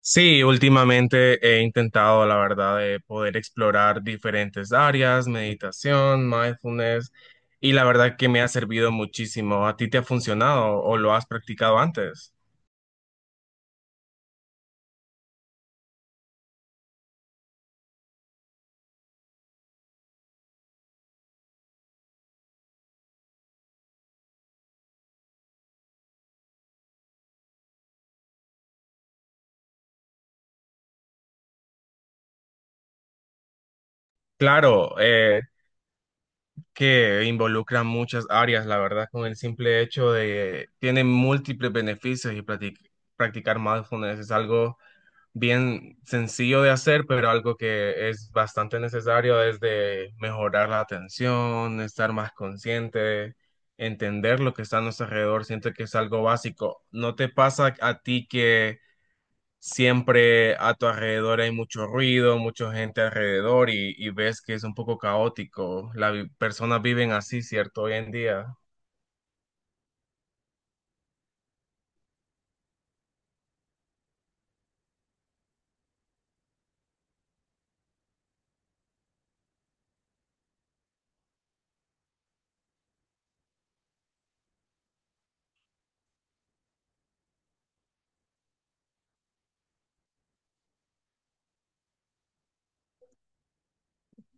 Sí, últimamente he intentado, la verdad, de poder explorar diferentes áreas, meditación, mindfulness, y la verdad que me ha servido muchísimo. ¿A ti te ha funcionado o lo has practicado antes? Claro, que involucra muchas áreas, la verdad, con el simple hecho de tiene múltiples beneficios y practicar mindfulness es algo bien sencillo de hacer, pero algo que es bastante necesario es de mejorar la atención, estar más consciente, entender lo que está a nuestro alrededor. Siento que es algo básico. ¿No te pasa a ti que siempre a tu alrededor hay mucho ruido, mucha gente alrededor y ves que es un poco caótico? Las personas viven así, ¿cierto? Hoy en día.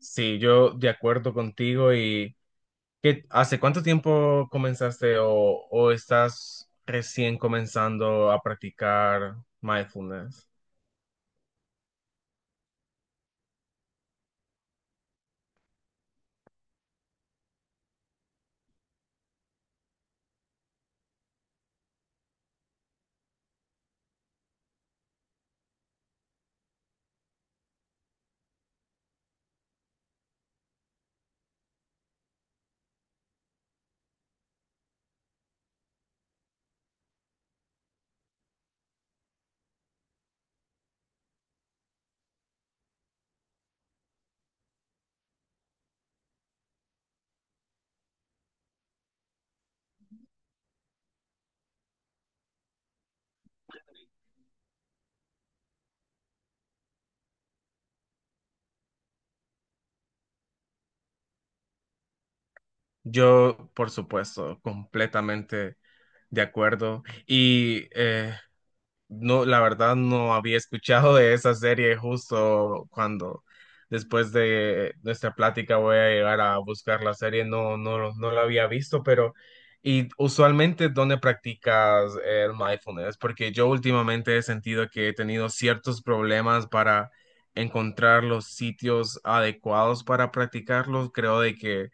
Sí, yo de acuerdo contigo y... ¿Qué, hace cuánto tiempo comenzaste o estás recién comenzando a practicar mindfulness? Yo, por supuesto, completamente de acuerdo. No, la verdad no había escuchado de esa serie, justo cuando después de nuestra plática voy a llegar a buscar la serie. No, no, no la había visto, pero y usualmente, ¿dónde practicas el mindfulness? Porque yo últimamente he sentido que he tenido ciertos problemas para encontrar los sitios adecuados para practicarlos. Creo de que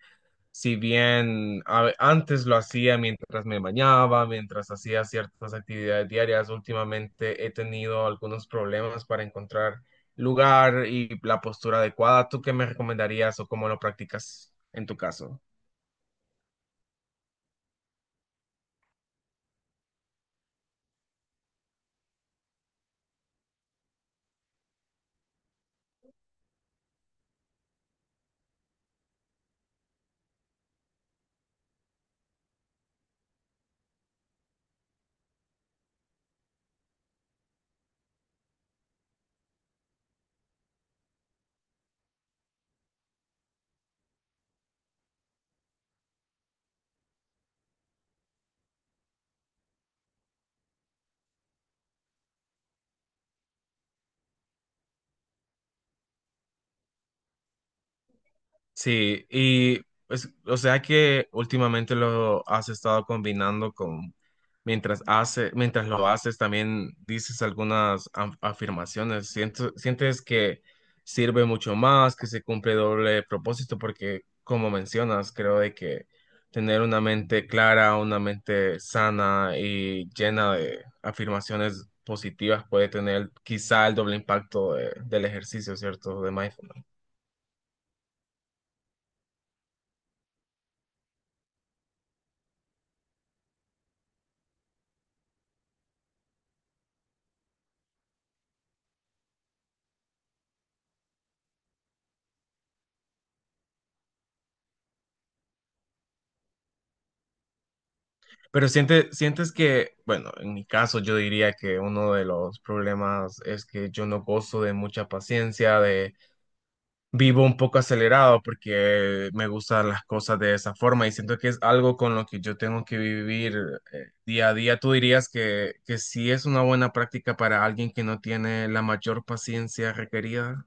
si bien antes lo hacía mientras me bañaba, mientras hacía ciertas actividades diarias, últimamente he tenido algunos problemas para encontrar lugar y la postura adecuada. ¿Tú qué me recomendarías o cómo lo practicas en tu caso? Sí, y pues, o sea que últimamente lo has estado combinando con, mientras lo haces, también dices algunas afirmaciones. ¿Sientes que sirve mucho más, que se cumple doble propósito? Porque como mencionas, creo de que tener una mente clara, una mente sana y llena de afirmaciones positivas puede tener quizá el doble impacto del ejercicio, ¿cierto? De mindfulness. ¿Sientes que, bueno, en mi caso yo diría que uno de los problemas es que yo no gozo de mucha paciencia, de vivo un poco acelerado porque me gustan las cosas de esa forma y siento que es algo con lo que yo tengo que vivir día a día? ¿Tú dirías que sí es una buena práctica para alguien que no tiene la mayor paciencia requerida?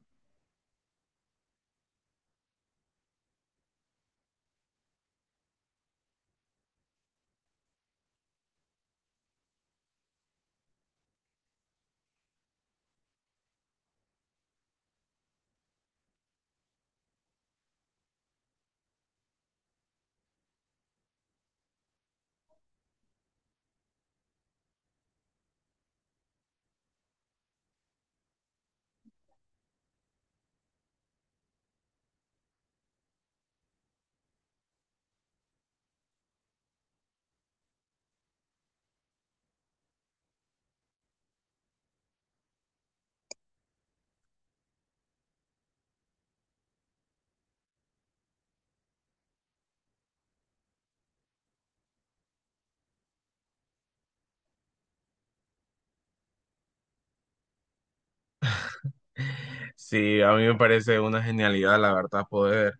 Sí, a mí me parece una genialidad, la verdad, poder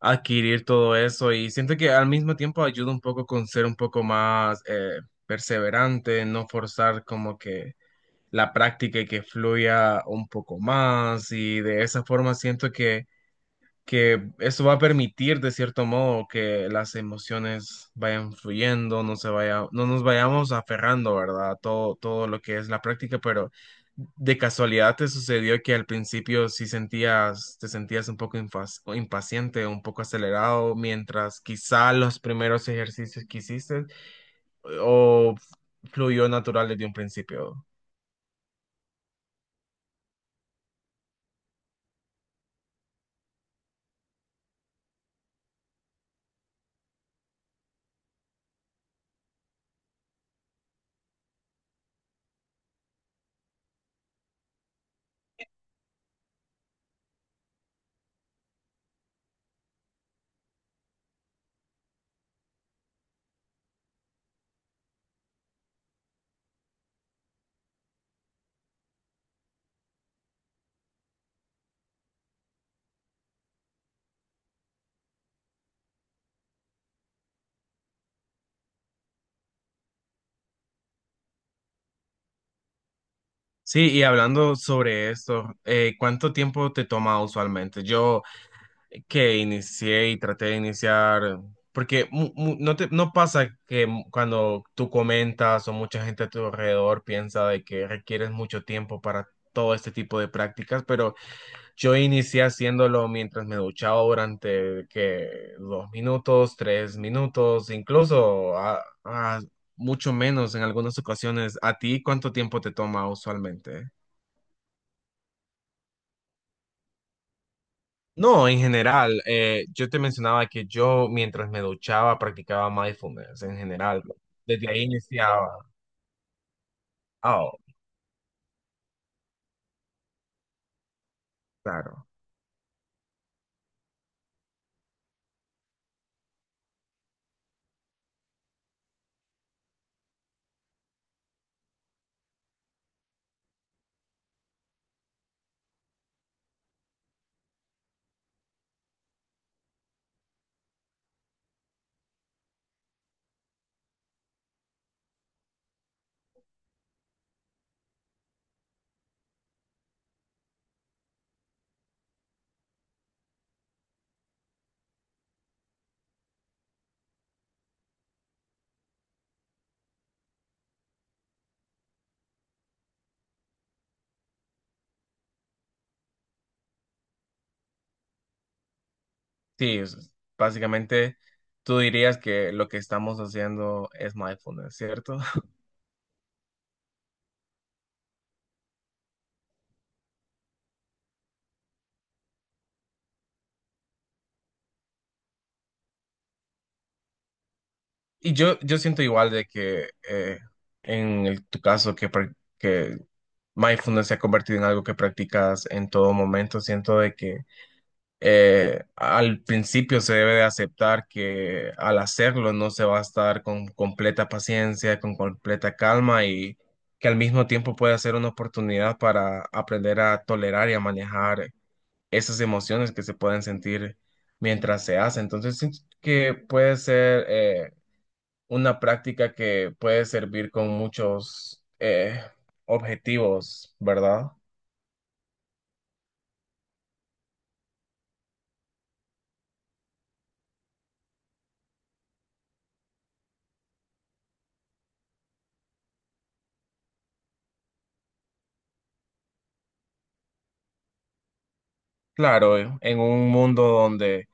adquirir todo eso, y siento que al mismo tiempo ayuda un poco con ser un poco más perseverante, no forzar como que la práctica y que fluya un poco más, y de esa forma siento que eso va a permitir de cierto modo que las emociones vayan fluyendo, no se vaya, no nos vayamos aferrando, ¿verdad? A todo, todo lo que es la práctica. Pero de casualidad, ¿te sucedió que al principio sí sentías, te sentías un poco impaciente, un poco acelerado, mientras quizá los primeros ejercicios que hiciste, o fluyó natural desde un principio? Sí, y hablando sobre esto, ¿cuánto tiempo te toma usualmente? Yo que inicié y traté de iniciar, porque no te, no pasa que cuando tú comentas o mucha gente a tu alrededor piensa de que requieres mucho tiempo para todo este tipo de prácticas, pero yo inicié haciéndolo mientras me duchaba durante que dos minutos, tres minutos, incluso a mucho menos en algunas ocasiones. ¿A ti cuánto tiempo te toma usualmente? No, en general, yo te mencionaba que yo mientras me duchaba practicaba mindfulness en general, ¿no? Desde ahí iniciaba. Ah. Oh, claro. Sí, básicamente tú dirías que lo que estamos haciendo es mindfulness, ¿cierto? Yo siento igual de que en tu caso que, que mindfulness se ha convertido en algo que practicas en todo momento, siento de que al principio se debe de aceptar que al hacerlo no se va a estar con completa paciencia, con completa calma, y que al mismo tiempo puede ser una oportunidad para aprender a tolerar y a manejar esas emociones que se pueden sentir mientras se hace. Entonces, siento que puede ser una práctica que puede servir con muchos objetivos, ¿verdad? Claro, en un mundo donde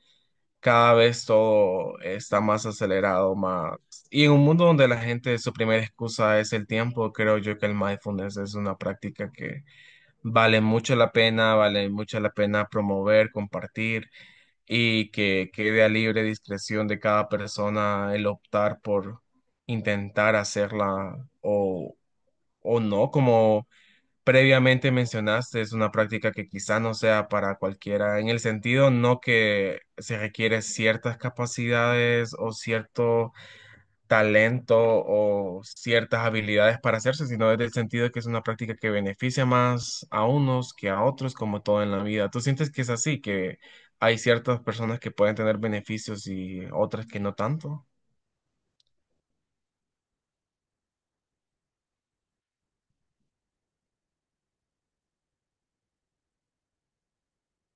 cada vez todo está más acelerado, más... Y en un mundo donde la gente su primera excusa es el tiempo, creo yo que el mindfulness es una práctica que vale mucho la pena, vale mucho la pena promover, compartir, y que quede a libre discreción de cada persona el optar por intentar hacerla o no, como previamente mencionaste. Es una práctica que quizá no sea para cualquiera, en el sentido no que se requiere ciertas capacidades o cierto talento o ciertas habilidades para hacerse, sino desde el sentido que es una práctica que beneficia más a unos que a otros, como todo en la vida. ¿Tú sientes que es así, que hay ciertas personas que pueden tener beneficios y otras que no tanto?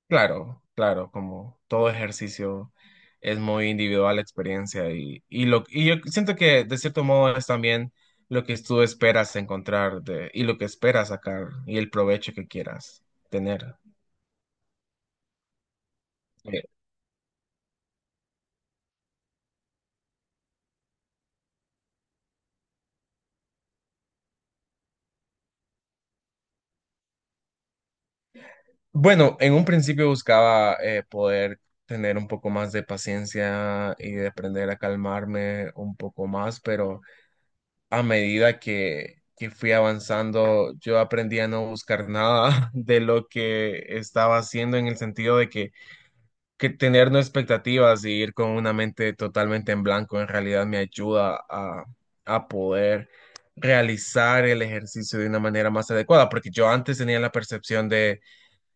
Claro, claro, como todo ejercicio es muy individual la experiencia, y yo siento que de cierto modo es también lo que tú esperas encontrar de, y lo que esperas sacar y el provecho que quieras tener. Eh, bueno, en un principio buscaba poder tener un poco más de paciencia y de aprender a calmarme un poco más, pero... a medida que fui avanzando, yo aprendí a no buscar nada de lo que estaba haciendo, en el sentido de que tener no expectativas y ir con una mente totalmente en blanco en realidad me ayuda a poder realizar el ejercicio de una manera más adecuada, porque yo antes tenía la percepción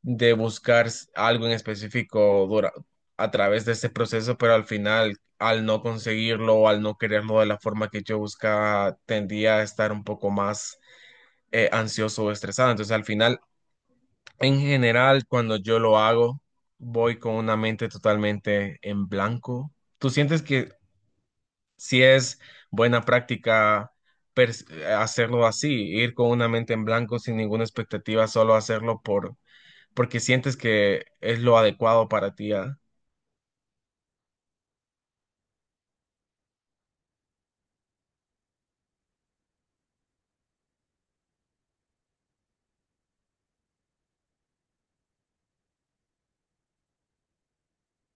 de buscar algo en específico a través de este proceso, pero al final, al no conseguirlo o al no quererlo de la forma que yo buscaba, tendía a estar un poco más ansioso o estresado. Entonces, al final, en general, cuando yo lo hago, voy con una mente totalmente en blanco. ¿Tú sientes que si es buena práctica? Hacerlo así, ir con una mente en blanco sin ninguna expectativa, solo hacerlo por, porque sientes que es lo adecuado para ti. Ah.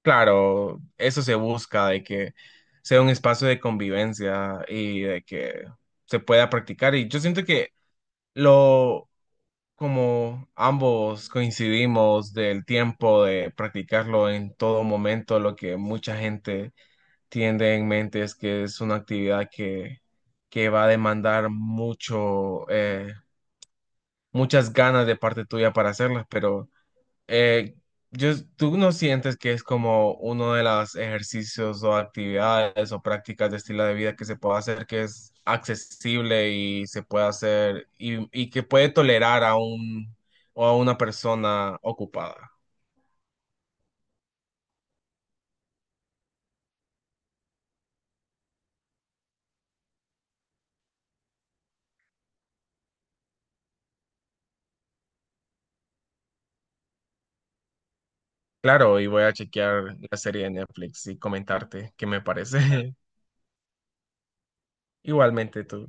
Claro, eso se busca, de que sea un espacio de convivencia y de que se pueda practicar. Y yo siento que lo, como ambos coincidimos del tiempo de practicarlo en todo momento, lo que mucha gente tiene en mente es que es una actividad que va a demandar mucho, muchas ganas de parte tuya para hacerlas, pero Eh, ¿tú no sientes que es como uno de los ejercicios o actividades o prácticas de estilo de vida que se puede hacer, que es accesible y se puede hacer, y que puede tolerar a un o a una persona ocupada? Claro, y voy a chequear la serie de Netflix y comentarte qué me parece. Igualmente tú.